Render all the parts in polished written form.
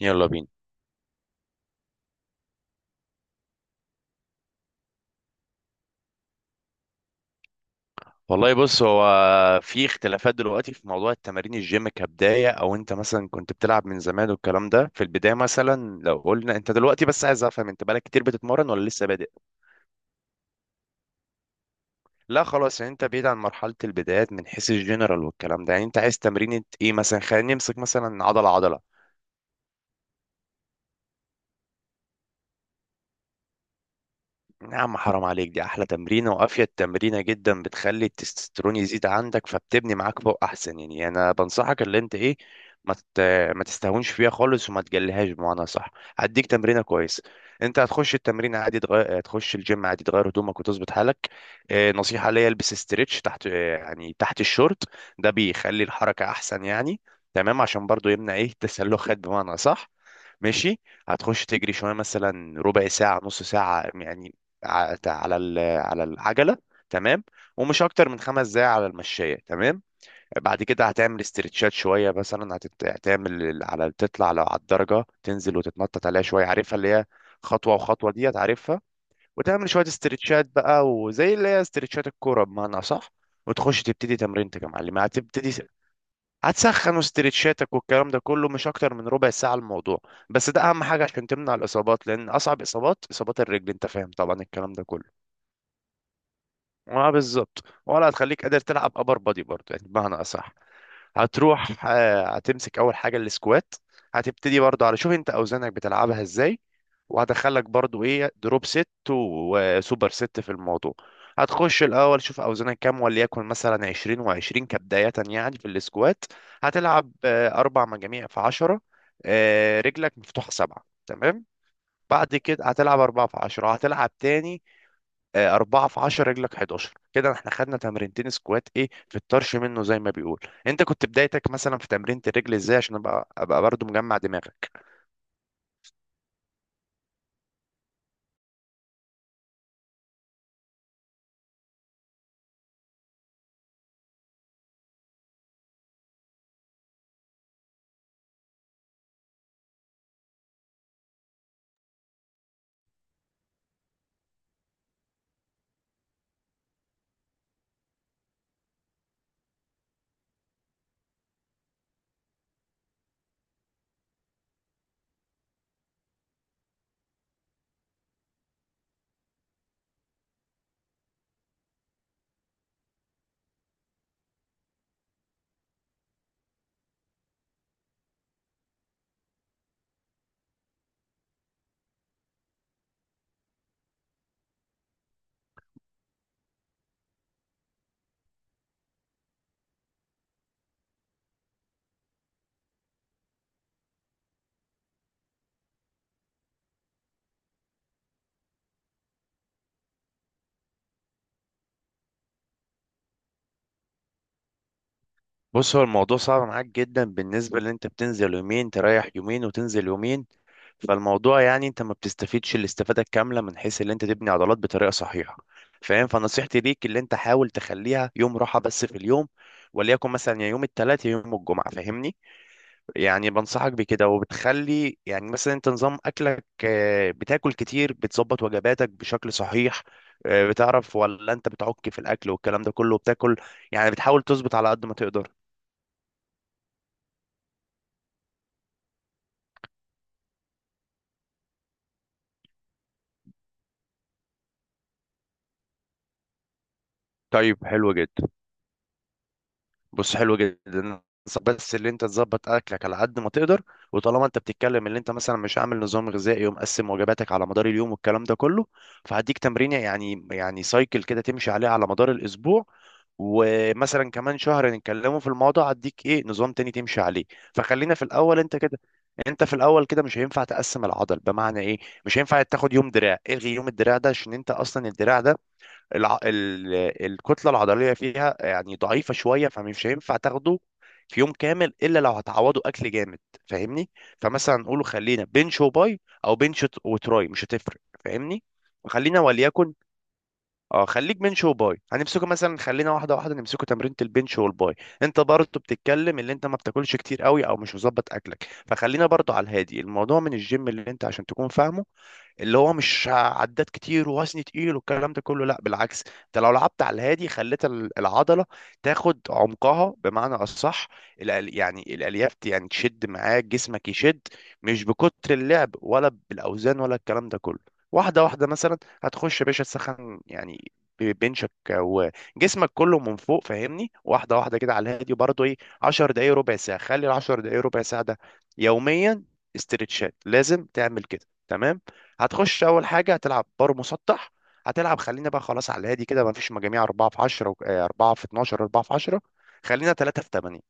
يلا بينا. والله بص، هو في اختلافات دلوقتي في موضوع التمارين الجيم كبداية، او انت مثلا كنت بتلعب من زمان والكلام ده. في البداية مثلا لو قلنا انت دلوقتي، بس عايز افهم انت بقالك كتير بتتمرن ولا لسه بادئ؟ لا خلاص، يعني انت بعيد عن مرحلة البدايات من حيث الجنرال والكلام ده. يعني انت عايز تمرين ايه مثلا؟ خلينا نمسك مثلا عضلة عضلة. يا عم حرام عليك، دي احلى تمرينه وافيد تمرينه جدا، بتخلي التستوستيرون يزيد عندك فبتبني معاك فوق احسن. يعني انا بنصحك اللي انت ايه، ما تت- ما تستهونش فيها خالص وما تجليهاش بمعنى صح. هديك تمرينه كويسه. انت هتخش التمرين عادي، تغير، تخش الجيم عادي، تغير هدومك وتظبط حالك. نصيحه ليا البس استريتش تحت، يعني تحت الشورت. ده بيخلي الحركه احسن يعني. تمام، عشان برضو يمنع ايه، تسلخات بمعنى صح. ماشي، هتخش تجري شويه، مثلا ربع ساعه نص ساعه يعني، على العجله. تمام. ومش اكتر من خمس دقايق على المشايه. تمام. بعد كده هتعمل استرتشات شويه، مثلا هتعمل على، تطلع لو على الدرجه تنزل وتتنطط عليها شويه، عارفها اللي هي خطوه وخطوه، دي هتعرفها. وتعمل شويه استرتشات بقى، وزي اللي هي استرتشات الكوره بمعنى صح. وتخش تبتدي تمرينتك يا معلم. هتسخن، استرتشاتك والكلام ده كله مش اكتر من ربع ساعه الموضوع. بس ده اهم حاجه عشان تمنع الاصابات، لان اصعب اصابات اصابات الرجل، انت فاهم طبعا الكلام ده كله. اه بالظبط. ولا هتخليك قادر تلعب ابر بادي برضه يعني بمعنى اصح. هتروح هتمسك اول حاجه السكوات. هتبتدي برضه على، شوف انت اوزانك بتلعبها ازاي، وهدخلك برضه ايه، دروب ست وسوبر ست في الموضوع. هتخش الاول شوف اوزانك كام، وليكن مثلا 20 و20 كبدايه يعني في السكوات. هتلعب اربع مجاميع في 10، رجلك مفتوحه سبعه. تمام. بعد كده هتلعب أربعة في عشرة، هتلعب تاني 4 في 10 رجلك 11. كده احنا خدنا تمرينتين سكوات، ايه في الطرش منه زي ما بيقول. انت كنت بدايتك مثلا في تمرينة الرجل ازاي، عشان ابقى برضو مجمع دماغك. بص هو الموضوع صعب معاك جدا، بالنسبة ان انت بتنزل يومين تريح يومين وتنزل يومين. فالموضوع يعني انت ما بتستفيدش الاستفادة الكاملة من حيث ان انت تبني عضلات بطريقة صحيحة فاهم. فنصيحتي ليك اللي انت حاول تخليها يوم راحة بس في اليوم، وليكن مثلا يا يوم الثلاث يا يوم الجمعة، فاهمني. يعني بنصحك بكده. وبتخلي يعني مثلا انت نظام اكلك، بتاكل كتير، بتظبط وجباتك بشكل صحيح، بتعرف، ولا انت بتعك في الاكل والكلام ده كله، بتاكل يعني بتحاول تظبط على قد ما تقدر. طيب حلو جدا. بص حلو جدا، بس اللي انت تظبط اكلك على قد ما تقدر. وطالما انت بتتكلم اللي انت مثلا مش عامل نظام غذائي ومقسم وجباتك على مدار اليوم والكلام ده كله، فهديك تمرين يعني يعني سايكل كده تمشي عليه على مدار الاسبوع. ومثلا كمان شهر نتكلموا في الموضوع هديك ايه نظام تاني تمشي عليه. فخلينا في الاول انت كده. انت في الاول كده مش هينفع تقسم العضل. بمعنى ايه؟ مش هينفع تاخد يوم دراع، الغي يوم الدراع ده، عشان انت اصلا الدراع ده الع... ال... الكتله العضليه فيها يعني ضعيفه شويه، فمش هينفع تاخده في يوم كامل، الا لو هتعوضه اكل جامد فاهمني. فمثلا نقوله خلينا بنش وباي، او وتراي، مش هتفرق فاهمني. وخلينا وليكن، اه خليك بنش وباي. هنمسكه مثلا، خلينا واحده واحده نمسكه، تمرينة البنش والباي. انت برضه بتتكلم اللي انت ما بتاكلش كتير قوي او مش مظبط اكلك، فخلينا برضه على الهادي الموضوع من الجيم، اللي انت عشان تكون فاهمه. اللي هو مش عدات كتير ووزن تقيل والكلام ده كله، لا بالعكس، انت لو لعبت على الهادي خليت العضله تاخد عمقها بمعنى اصح. يعني الالياف يعني تشد معاك، جسمك يشد، مش بكتر اللعب ولا بالاوزان ولا الكلام ده كله. واحده واحده مثلا، هتخش يا باشا تسخن يعني، بنشك وجسمك كله من فوق فاهمني، واحده واحده كده على الهادي. وبرضه ايه، 10 دقايق ربع ساعه، خلي ال 10 دقايق ربع ساعه ده يوميا، استرتشات لازم تعمل كده. تمام. هتخش اول حاجه هتلعب بار مسطح. هتلعب، خلينا بقى خلاص على الهادي كده، ما فيش مجاميع 4 في 10 4 في 12 4 في 10، خلينا 3 في 8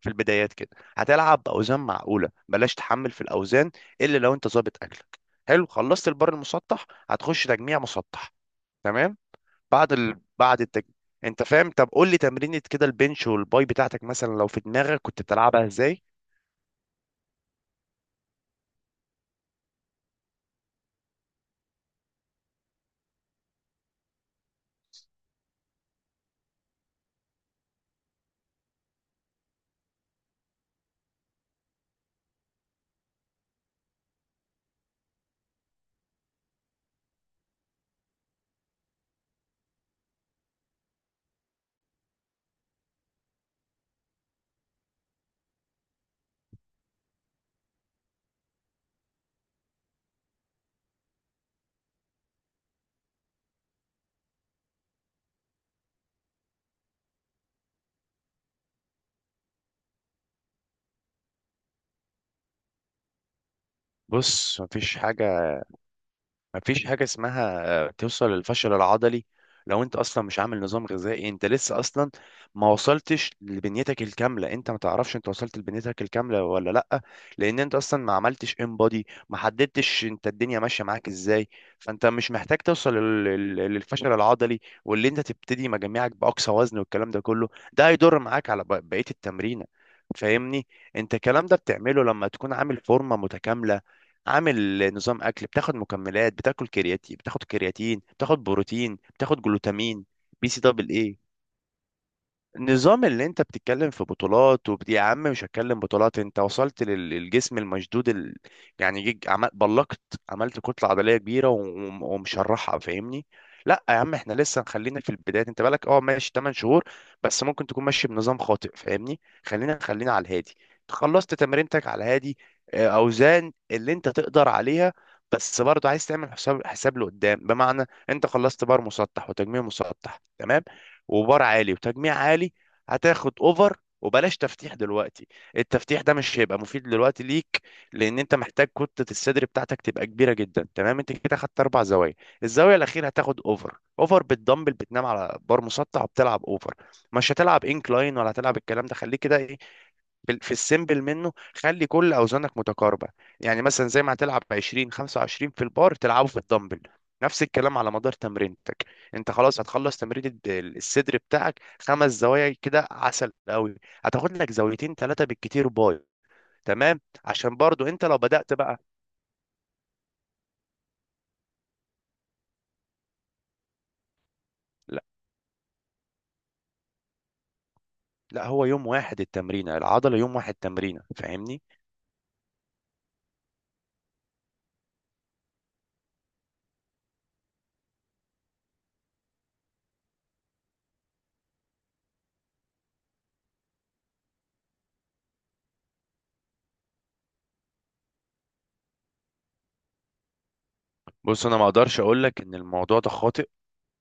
في البدايات كده. هتلعب باوزان معقوله، بلاش تحمل في الاوزان الا لو انت ظابط اكلك. حلو. خلصت البار المسطح، هتخش تجميع مسطح. تمام. بعد ال... بعد التج... انت فاهم، طب قول لي تمرينة كده البنش والباي بتاعتك مثلا لو في دماغك كنت بتلعبها ازاي. بص، مفيش حاجة، مفيش حاجة اسمها توصل للفشل العضلي لو انت اصلا مش عامل نظام غذائي. انت لسه اصلا ما وصلتش لبنيتك الكاملة، انت ما تعرفش انت وصلت لبنيتك الكاملة ولا لأ. لان انت اصلا ما عملتش انبادي، ما حددتش انت الدنيا ماشية معاك ازاي. فانت مش محتاج توصل للفشل العضلي. واللي انت تبتدي مجاميعك بأقصى وزن والكلام ده كله، ده هيضر معاك على بقية التمرينة فاهمني. انت الكلام ده بتعمله لما تكون عامل فورمة متكاملة، عامل نظام اكل، بتاخد مكملات، بتاكل كرياتين، بتاخد كرياتين، بتاخد بروتين، بتاخد جلوتامين، بي سي دبل ايه. النظام اللي انت بتتكلم في بطولات يا عم مش هتكلم بطولات. انت وصلت للجسم المشدود يعني جيج بلقت، عملت كتلة عضلية كبيرة ومشرحها فاهمني. لا يا عم احنا لسه خلينا في البداية، انت بالك اه ماشي 8 شهور، بس ممكن تكون ماشي بنظام خاطئ فاهمني. خلينا على الهادي. خلصت تمرينتك على الهادي، اه، اوزان اللي انت تقدر عليها. بس برضه عايز تعمل حساب، حساب لقدام. بمعنى، انت خلصت بار مسطح وتجميع مسطح تمام، وبار عالي وتجميع عالي، هتاخد اوفر، وبلاش تفتيح دلوقتي. التفتيح ده مش هيبقى مفيد دلوقتي ليك، لان انت محتاج كتلة الصدر بتاعتك تبقى كبيرة جدا. تمام. انت كده خدت اربع زوايا، الزاوية الاخيرة هتاخد اوفر. اوفر بالدمبل، بتنام على بار مسطح وبتلعب اوفر، مش هتلعب انكلاين ولا هتلعب الكلام ده. خليك كده ايه، في السيمبل منه، خلي كل اوزانك متقاربه. يعني مثلا زي ما هتلعب 20 25 في البار تلعبه في الدمبل، نفس الكلام على مدار تمرينتك. انت خلاص هتخلص تمرين الصدر بتاعك خمس زوايا كده، عسل قوي. هتاخد لك زاويتين ثلاثه بالكتير باي. تمام، عشان برضو انت لو بدأت بقى. لا لا هو يوم واحد التمرينه العضله، يوم واحد تمرينه فاهمني. بص انا ما اقدرش اقول لك ان الموضوع ده خاطئ،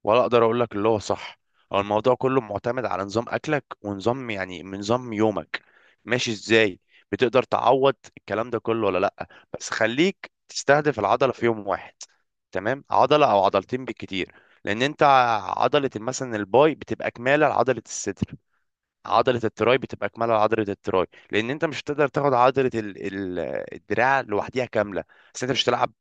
ولا اقدر اقول لك اللي هو صح. هو الموضوع كله معتمد على نظام اكلك، ونظام يعني من نظام يومك، ماشي ازاي، بتقدر تعوض الكلام ده كله ولا لا. بس خليك تستهدف العضله في يوم واحد. تمام، عضله او عضلتين بالكتير. لان انت، عضله مثلا الباي بتبقى كماله لعضله الصدر، عضله التراي بتبقى كماله لعضله التراي. لان انت مش هتقدر تاخد عضله الدراع لوحديها كامله. بس انت مش هتلعب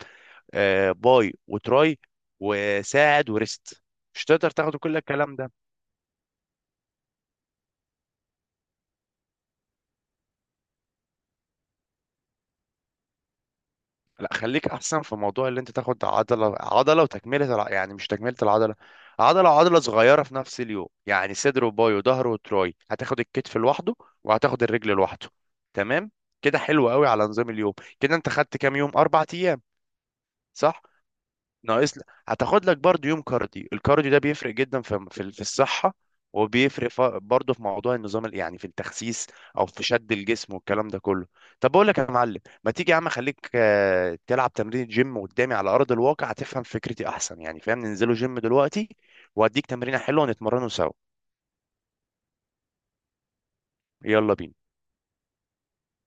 باي وتراي وساعد وريست، مش تقدر تاخد كل الكلام ده. لا خليك احسن في موضوع اللي انت تاخد عضله عضله، وتكمله يعني مش تكمله العضله، عضله وعضله صغيره في نفس اليوم، يعني صدر وباي وظهر وتراي. هتاخد الكتف لوحده، وهتاخد الرجل لوحده. تمام، كده حلو قوي على نظام اليوم. كده انت خدت كام يوم، اربع ايام. صح. ناقص لك هتاخد لك برضو يوم كارديو، الكارديو ده بيفرق جدا في في الصحة، وبيفرق برضو في موضوع النظام يعني في التخسيس او في شد الجسم والكلام ده كله. طب بقول لك يا معلم، ما تيجي يا عم خليك تلعب تمرين جيم قدامي على ارض الواقع، هتفهم فكرتي احسن يعني فاهم. ننزلوا جيم دلوقتي واديك تمرينة حلوة ونتمرنوا سوا. يلا بينا.